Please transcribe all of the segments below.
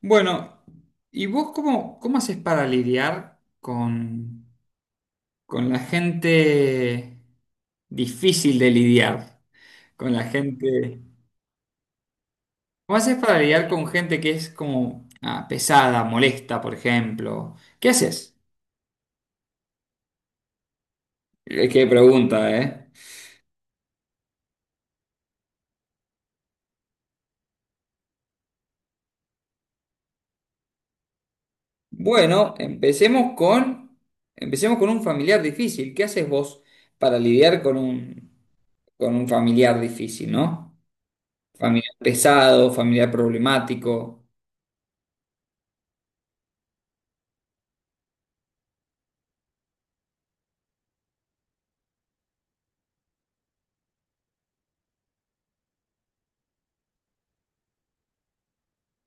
Bueno, ¿y vos cómo haces para lidiar con la gente difícil de lidiar? Con la gente... ¿Cómo haces para lidiar con gente que es como pesada, molesta, por ejemplo? ¿Qué haces? Qué pregunta, ¿eh? Bueno, empecemos con un familiar difícil. ¿Qué haces vos para lidiar con un familiar difícil, ¿no? Familiar pesado, familiar problemático.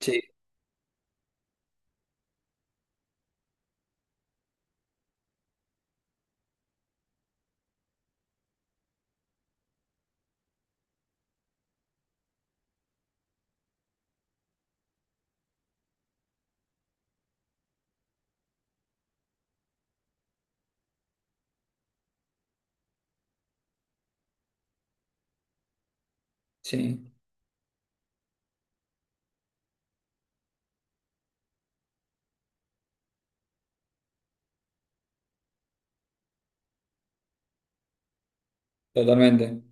Sí, sí, totalmente.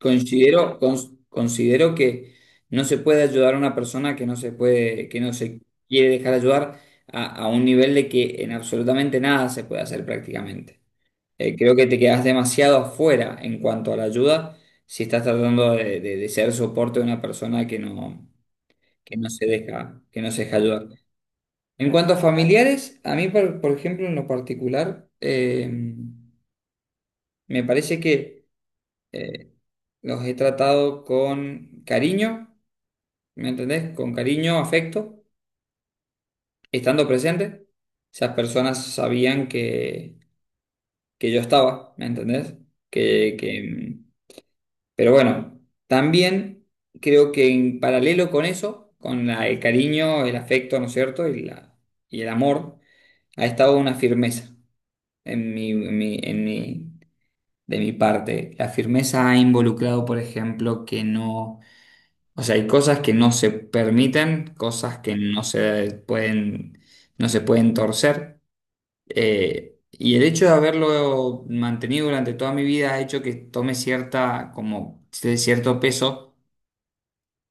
Considero que no se puede ayudar a una persona que no se quiere dejar ayudar a un nivel de que en absolutamente nada se puede hacer prácticamente. Creo que te quedas demasiado afuera en cuanto a la ayuda si estás tratando de ser soporte de una persona que no se deja, que no se deja ayudar. En cuanto a familiares, a mí, por ejemplo, en lo particular, me parece que eh, los he tratado con cariño, ¿me entendés? Con cariño, afecto, estando presente. Esas personas sabían que yo estaba, ¿me entendés? Que, que, mm, pero bueno, también creo que en paralelo con eso, con el cariño, el afecto, ¿no es cierto? Y el amor, ha estado una firmeza en mi, en mi, en mi- de mi parte. La firmeza ha involucrado, por ejemplo, que no o sea, hay cosas que no se permiten, cosas que no se pueden, no se pueden torcer. Y el hecho de haberlo mantenido durante toda mi vida ha hecho que tome cierta, como, cierto peso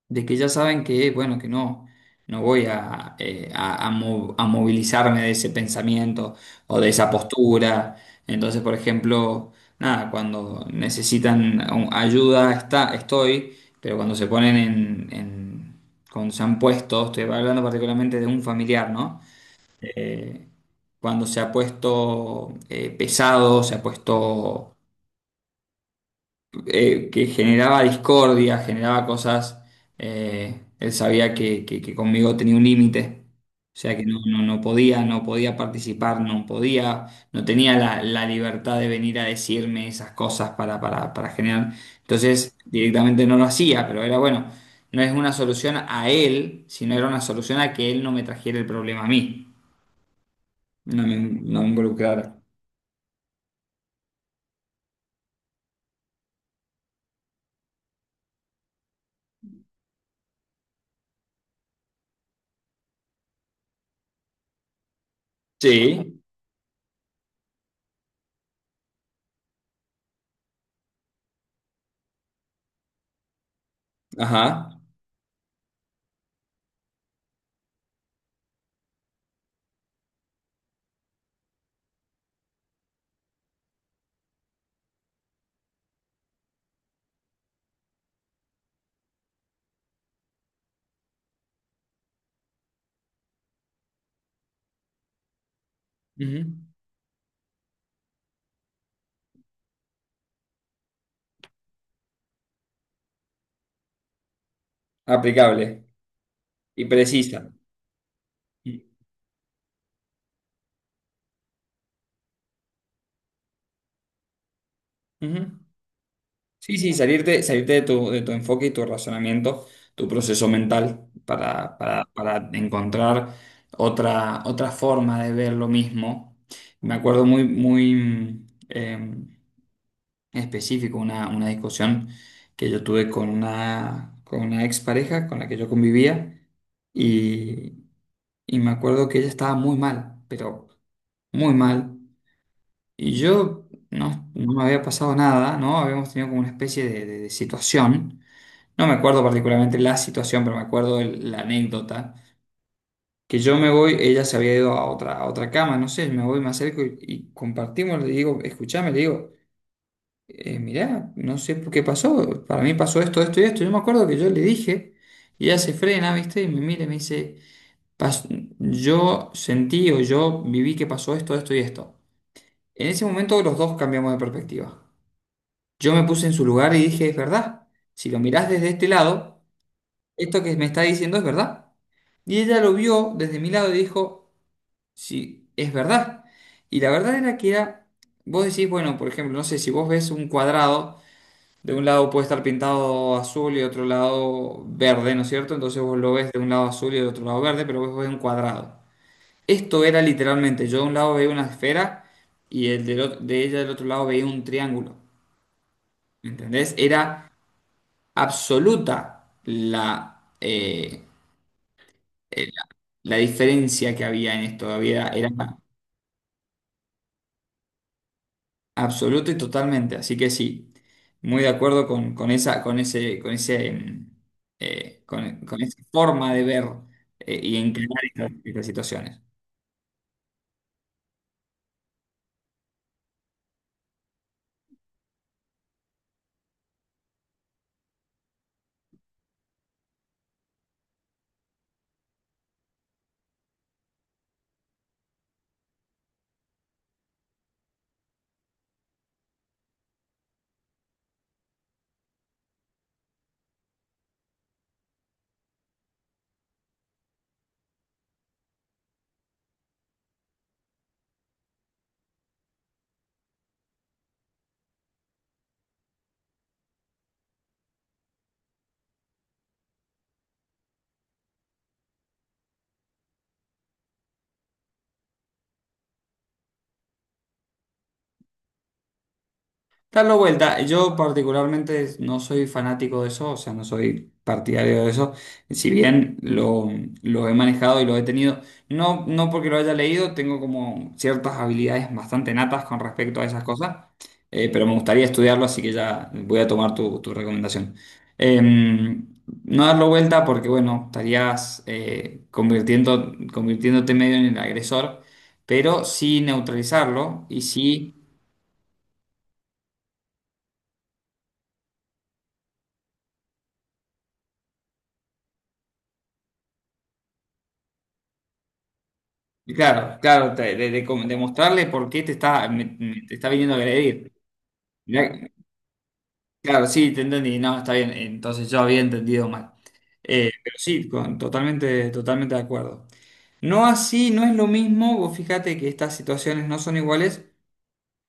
de que ya saben que, bueno, que no, no voy a, a movilizarme de ese pensamiento o de esa postura. Entonces, por ejemplo, nada, cuando necesitan ayuda, estoy, pero cuando se ponen cuando se han puesto, estoy hablando particularmente de un familiar, ¿no? Eh, Cuando se ha puesto pesado, se ha puesto que generaba discordia, generaba cosas, él sabía que conmigo tenía un límite. O sea que no podía, no podía participar, no podía, no tenía la libertad de venir a decirme esas cosas para generar. Entonces, directamente no lo hacía, pero era bueno, no es una solución a él, sino era una solución a que él no me trajera el problema a mí, no me involucrara. Sí, ajá. Ujú. Aplicable y precisa. Ujú. Sí, sí, salirte de de tu enfoque y tu razonamiento, tu proceso mental para encontrar otra forma de ver lo mismo. Me acuerdo específico una discusión que yo tuve con con una expareja con la que yo convivía y, y me acuerdo que ella estaba muy mal, pero muy mal. Y yo no me había pasado nada, ¿no? Habíamos tenido como una especie de situación. No me acuerdo particularmente la situación, pero me acuerdo la anécdota. Que yo me voy, ella se había ido a otra cama, no sé, me voy, me acerco y compartimos, le digo, escuchame, le digo, mirá, no sé por qué pasó, para mí pasó esto, esto y esto. Yo me acuerdo que yo le dije, y ella se frena, ¿viste? Y me mira y me dice, "Pas- yo sentí o yo viví que pasó esto, esto y esto." En ese momento los dos cambiamos de perspectiva. Yo me puse en su lugar y dije, es verdad, si lo mirás desde este lado, esto que me está diciendo es verdad. Y ella lo vio desde mi lado y dijo, sí, es verdad. Y la verdad era que era, vos decís, bueno, por ejemplo, no sé, si vos ves un cuadrado, de un lado puede estar pintado azul y otro lado verde, ¿no es cierto? Entonces vos lo ves de un lado azul y del otro lado verde, pero vos ves un cuadrado. Esto era literalmente, yo de un lado veía una esfera y de ella del otro lado veía un triángulo. ¿Me entendés? Era absoluta eh, la, la diferencia que había en esto. Había, era absoluta y totalmente. Así que sí, muy de acuerdo con con con esa forma de ver y encarar estas situaciones. Darlo vuelta, yo particularmente no soy fanático de eso, o sea, no soy partidario de eso, si bien lo he manejado y lo he tenido, no, no porque lo haya leído, tengo como ciertas habilidades bastante natas con respecto a esas cosas, pero me gustaría estudiarlo, así que ya voy a tomar tu recomendación. Em, no darlo vuelta porque, bueno, estarías convirtiéndote medio en el agresor, pero sí neutralizarlo y sí claro, claro, de mostrarle por qué te está, te está viniendo a agredir. Mirá, claro, sí, te entendí, no, está bien, entonces yo había entendido mal. Pero sí, totalmente, totalmente de acuerdo. No así, no es lo mismo, vos fíjate que estas situaciones no son iguales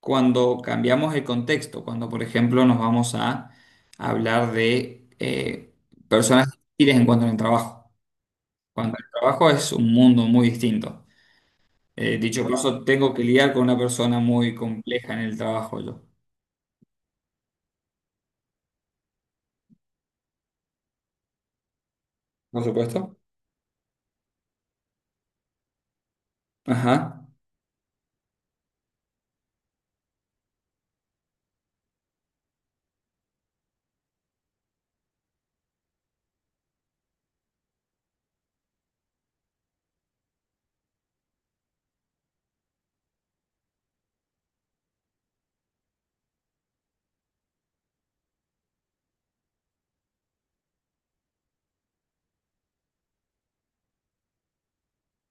cuando cambiamos el contexto, cuando por ejemplo nos vamos a hablar de personas hostiles en cuanto al trabajo. Cuando el trabajo es un mundo muy distinto. Dicho caso, tengo que lidiar con una persona muy compleja en el trabajo yo. Por supuesto. Ajá,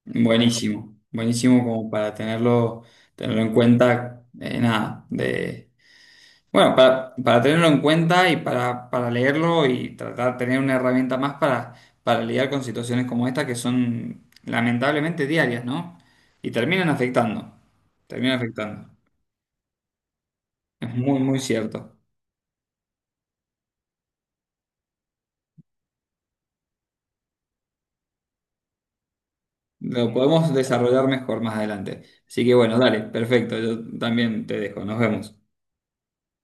buenísimo, buenísimo como para tenerlo, tenerlo en cuenta, nada, de, bueno, para tenerlo en cuenta y para leerlo y tratar de tener una herramienta más para lidiar con situaciones como esta que son lamentablemente diarias, ¿no? Y terminan afectando, es muy, muy cierto. Lo podemos desarrollar mejor más adelante. Así que bueno, dale, perfecto. Yo también te dejo. Nos vemos.